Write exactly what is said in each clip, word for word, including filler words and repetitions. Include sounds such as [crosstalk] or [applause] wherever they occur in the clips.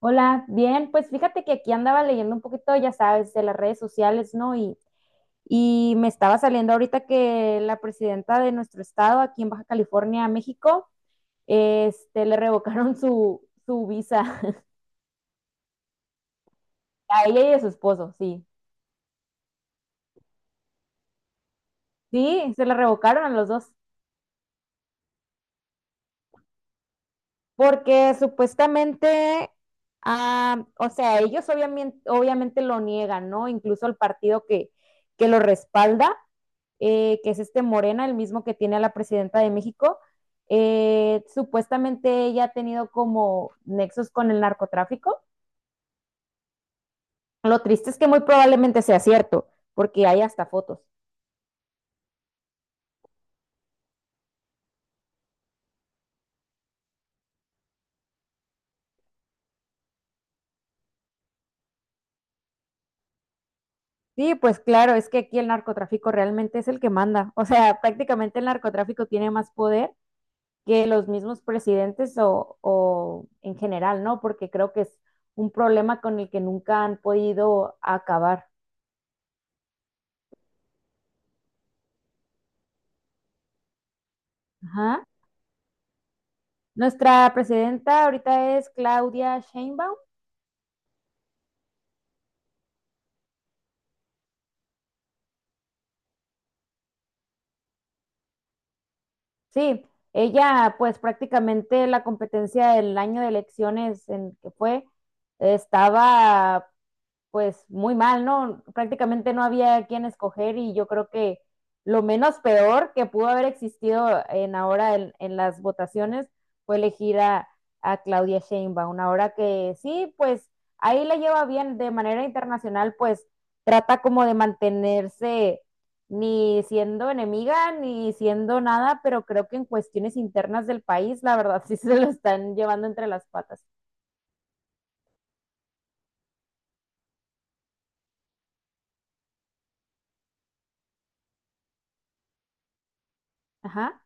Hola, bien, pues fíjate que aquí andaba leyendo un poquito, ya sabes, de las redes sociales, ¿no? Y, y me estaba saliendo ahorita que la presidenta de nuestro estado, aquí en Baja California, México, este, le revocaron su, su visa [laughs] a ella y a su esposo, sí. Sí, se la revocaron a los dos, porque supuestamente, ah, o sea, ellos obviamente, obviamente lo niegan, ¿no? Incluso el partido que, que lo respalda, eh, que es este Morena, el mismo que tiene a la presidenta de México. Eh, supuestamente ella ha tenido como nexos con el narcotráfico. Lo triste es que muy probablemente sea cierto, porque hay hasta fotos. Sí, pues claro, es que aquí el narcotráfico realmente es el que manda. O sea, prácticamente el narcotráfico tiene más poder que los mismos presidentes o, o en general, ¿no? Porque creo que es un problema con el que nunca han podido acabar. Ajá. Nuestra presidenta ahorita es Claudia Sheinbaum. Sí, ella pues prácticamente la competencia del año de elecciones en que fue estaba pues muy mal, ¿no? Prácticamente no había quien escoger y yo creo que lo menos peor que pudo haber existido en ahora en, en las votaciones fue elegir a, a Claudia Sheinbaum, ahora que sí, pues ahí la lleva bien de manera internacional, pues trata como de mantenerse ni siendo enemiga ni siendo nada, pero creo que en cuestiones internas del país, la verdad, [laughs] sí se lo están llevando entre las patas. Ajá,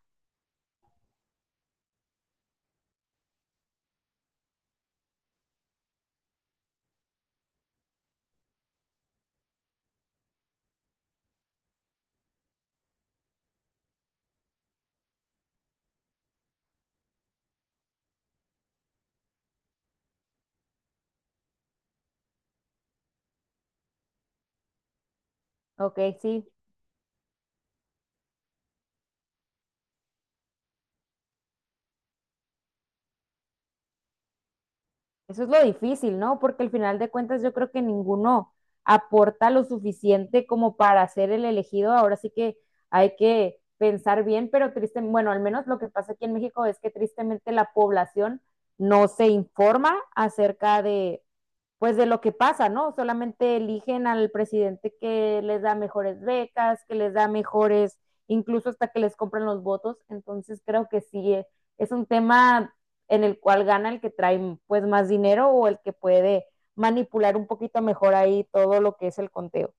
ok, sí. Eso es lo difícil, ¿no? Porque al final de cuentas yo creo que ninguno aporta lo suficiente como para ser el elegido. Ahora sí que hay que pensar bien, pero triste, bueno, al menos lo que pasa aquí en México es que tristemente la población no se informa acerca de pues de lo que pasa, ¿no? Solamente eligen al presidente que les da mejores becas, que les da mejores, incluso hasta que les compran los votos. Entonces creo que sí, eh, es un tema en el cual gana el que trae pues más dinero o el que puede manipular un poquito mejor ahí todo lo que es el conteo.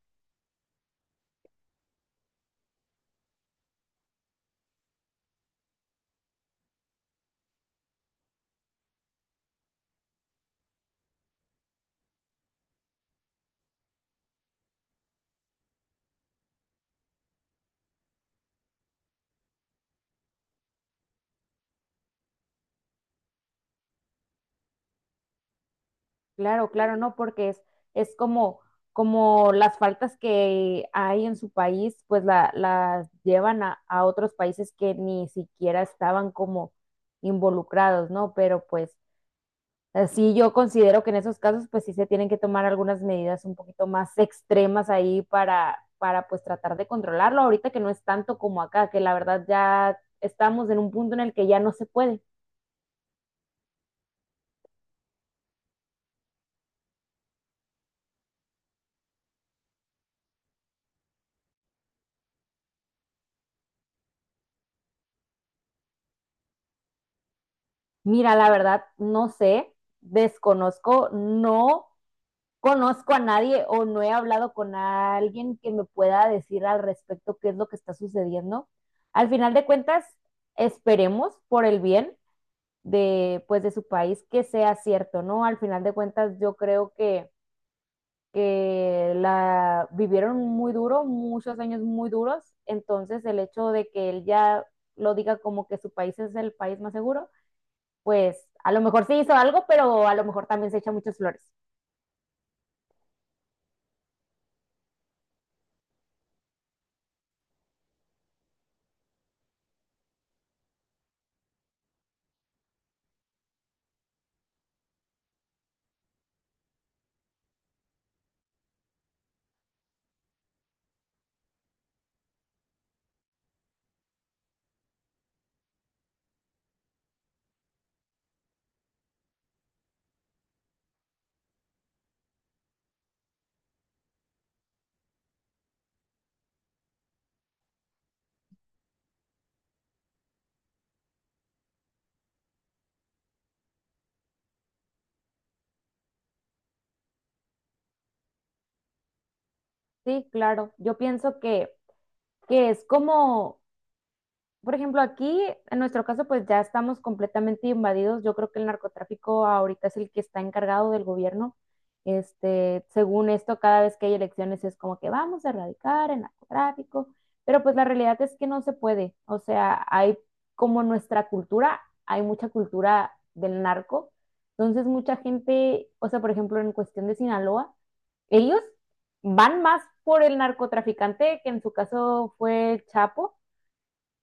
Claro, claro, no, porque es, es como, como las faltas que hay en su país, pues la, las llevan a, a otros países que ni siquiera estaban como involucrados, ¿no? Pero pues así yo considero que en esos casos, pues sí se tienen que tomar algunas medidas un poquito más extremas ahí para, para pues tratar de controlarlo. Ahorita que no es tanto como acá, que la verdad ya estamos en un punto en el que ya no se puede. Mira, la verdad, no sé, desconozco, no conozco a nadie o no he hablado con alguien que me pueda decir al respecto qué es lo que está sucediendo. Al final de cuentas, esperemos por el bien de, pues, de su país que sea cierto, ¿no? Al final de cuentas, yo creo que, que la vivieron muy duro, muchos años muy duros, entonces el hecho de que él ya lo diga como que su país es el país más seguro, pues a lo mejor sí hizo algo, pero a lo mejor también se echa muchas flores. Sí, claro. Yo pienso que que es como por ejemplo, aquí, en nuestro caso, pues ya estamos completamente invadidos. Yo creo que el narcotráfico ahorita es el que está encargado del gobierno. Este, según esto, cada vez que hay elecciones es como que vamos a erradicar el narcotráfico, pero pues la realidad es que no se puede. O sea, hay como nuestra cultura, hay mucha cultura del narco. Entonces, mucha gente, o sea, por ejemplo, en cuestión de Sinaloa, ellos van más por el narcotraficante, que en su caso fue el Chapo,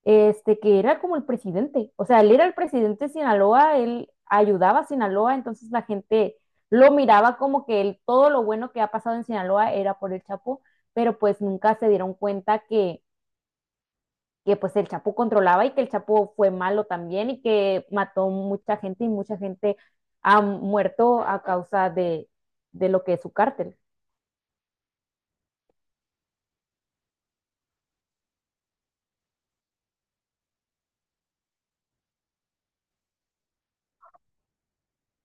este, que era como el presidente. O sea, él era el presidente de Sinaloa, él ayudaba a Sinaloa, entonces la gente lo miraba como que él, todo lo bueno que ha pasado en Sinaloa era por el Chapo, pero pues nunca se dieron cuenta que, que pues el Chapo controlaba y que el Chapo fue malo también y que mató mucha gente y mucha gente ha muerto a causa de, de lo que es su cártel.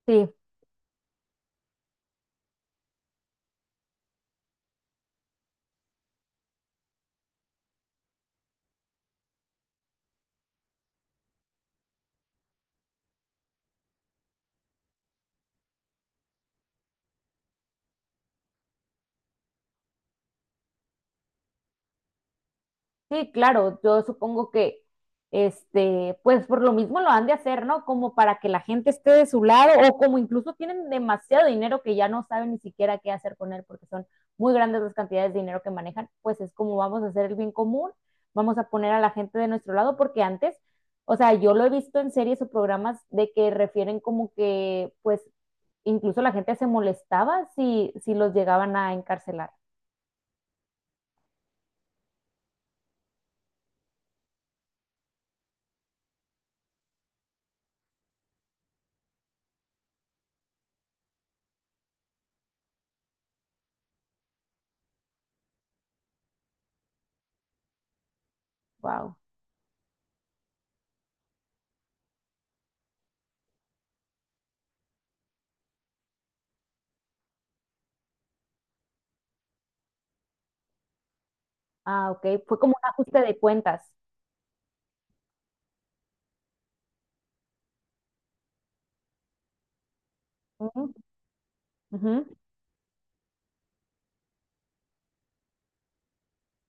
Sí. Sí, claro, yo supongo que, este, pues por lo mismo lo han de hacer, ¿no? Como para que la gente esté de su lado o como incluso tienen demasiado dinero que ya no saben ni siquiera qué hacer con él porque son muy grandes las cantidades de dinero que manejan, pues es como vamos a hacer el bien común, vamos a poner a la gente de nuestro lado porque antes, o sea, yo lo he visto en series o programas de que refieren como que, pues, incluso la gente se molestaba si, si los llegaban a encarcelar. Wow. Ah, ok, fue como un ajuste de cuentas.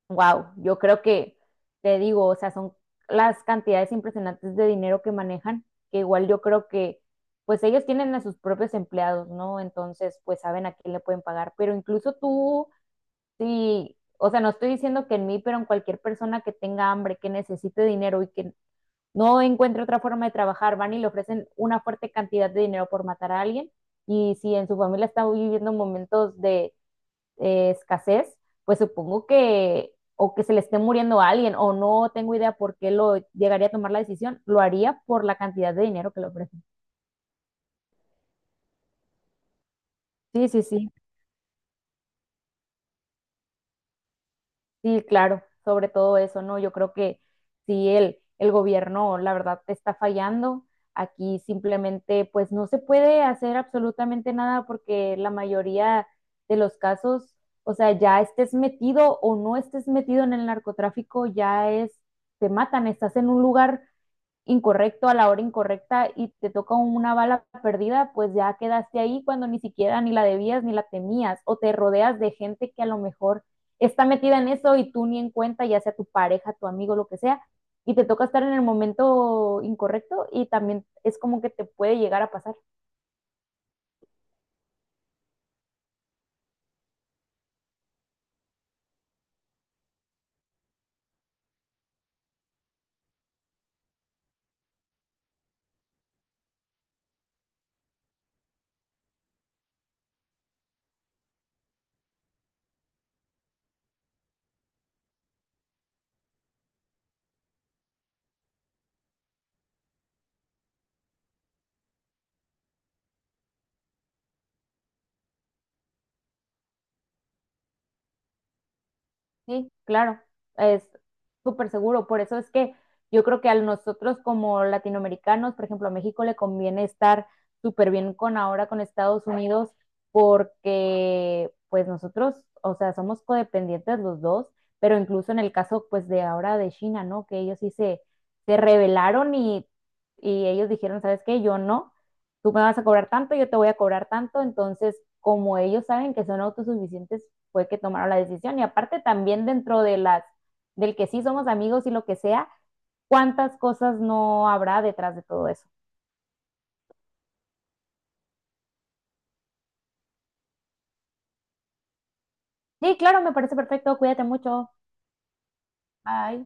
Wow, yo creo que te digo, o sea, son las cantidades impresionantes de dinero que manejan, que igual yo creo que pues ellos tienen a sus propios empleados, ¿no? Entonces, pues saben a quién le pueden pagar, pero incluso tú, sí, o sea, no estoy diciendo que en mí, pero en cualquier persona que tenga hambre, que necesite dinero y que no encuentre otra forma de trabajar, van y le ofrecen una fuerte cantidad de dinero por matar a alguien. Y si en su familia está viviendo momentos de eh, escasez, pues supongo que o que se le esté muriendo a alguien o no tengo idea por qué lo llegaría a tomar la decisión, lo haría por la cantidad de dinero que le ofrecen. Sí, sí, sí, sí, claro, sobre todo eso, ¿no? Yo creo que si el, el gobierno, la verdad, te está fallando, aquí simplemente pues no se puede hacer absolutamente nada porque la mayoría de los casos, o sea, ya estés metido o no estés metido en el narcotráfico, ya es, te matan, estás en un lugar incorrecto a la hora incorrecta y te toca una bala perdida, pues ya quedaste ahí cuando ni siquiera ni la debías ni la temías o te rodeas de gente que a lo mejor está metida en eso y tú ni en cuenta, ya sea tu pareja, tu amigo, lo que sea, y te toca estar en el momento incorrecto y también es como que te puede llegar a pasar. Sí, claro, es súper seguro. Por eso es que yo creo que a nosotros como latinoamericanos, por ejemplo, a México le conviene estar súper bien con ahora con Estados Unidos porque pues nosotros, o sea, somos codependientes los dos, pero incluso en el caso pues de ahora de China, ¿no? Que ellos sí se, se rebelaron y, y ellos dijeron, ¿sabes qué? Yo no, tú me vas a cobrar tanto, yo te voy a cobrar tanto, entonces como ellos saben que son autosuficientes, fue que tomaron la decisión y aparte también dentro de las del que sí somos amigos y lo que sea, cuántas cosas no habrá detrás de todo eso. Sí, claro, me parece perfecto, cuídate mucho. Bye.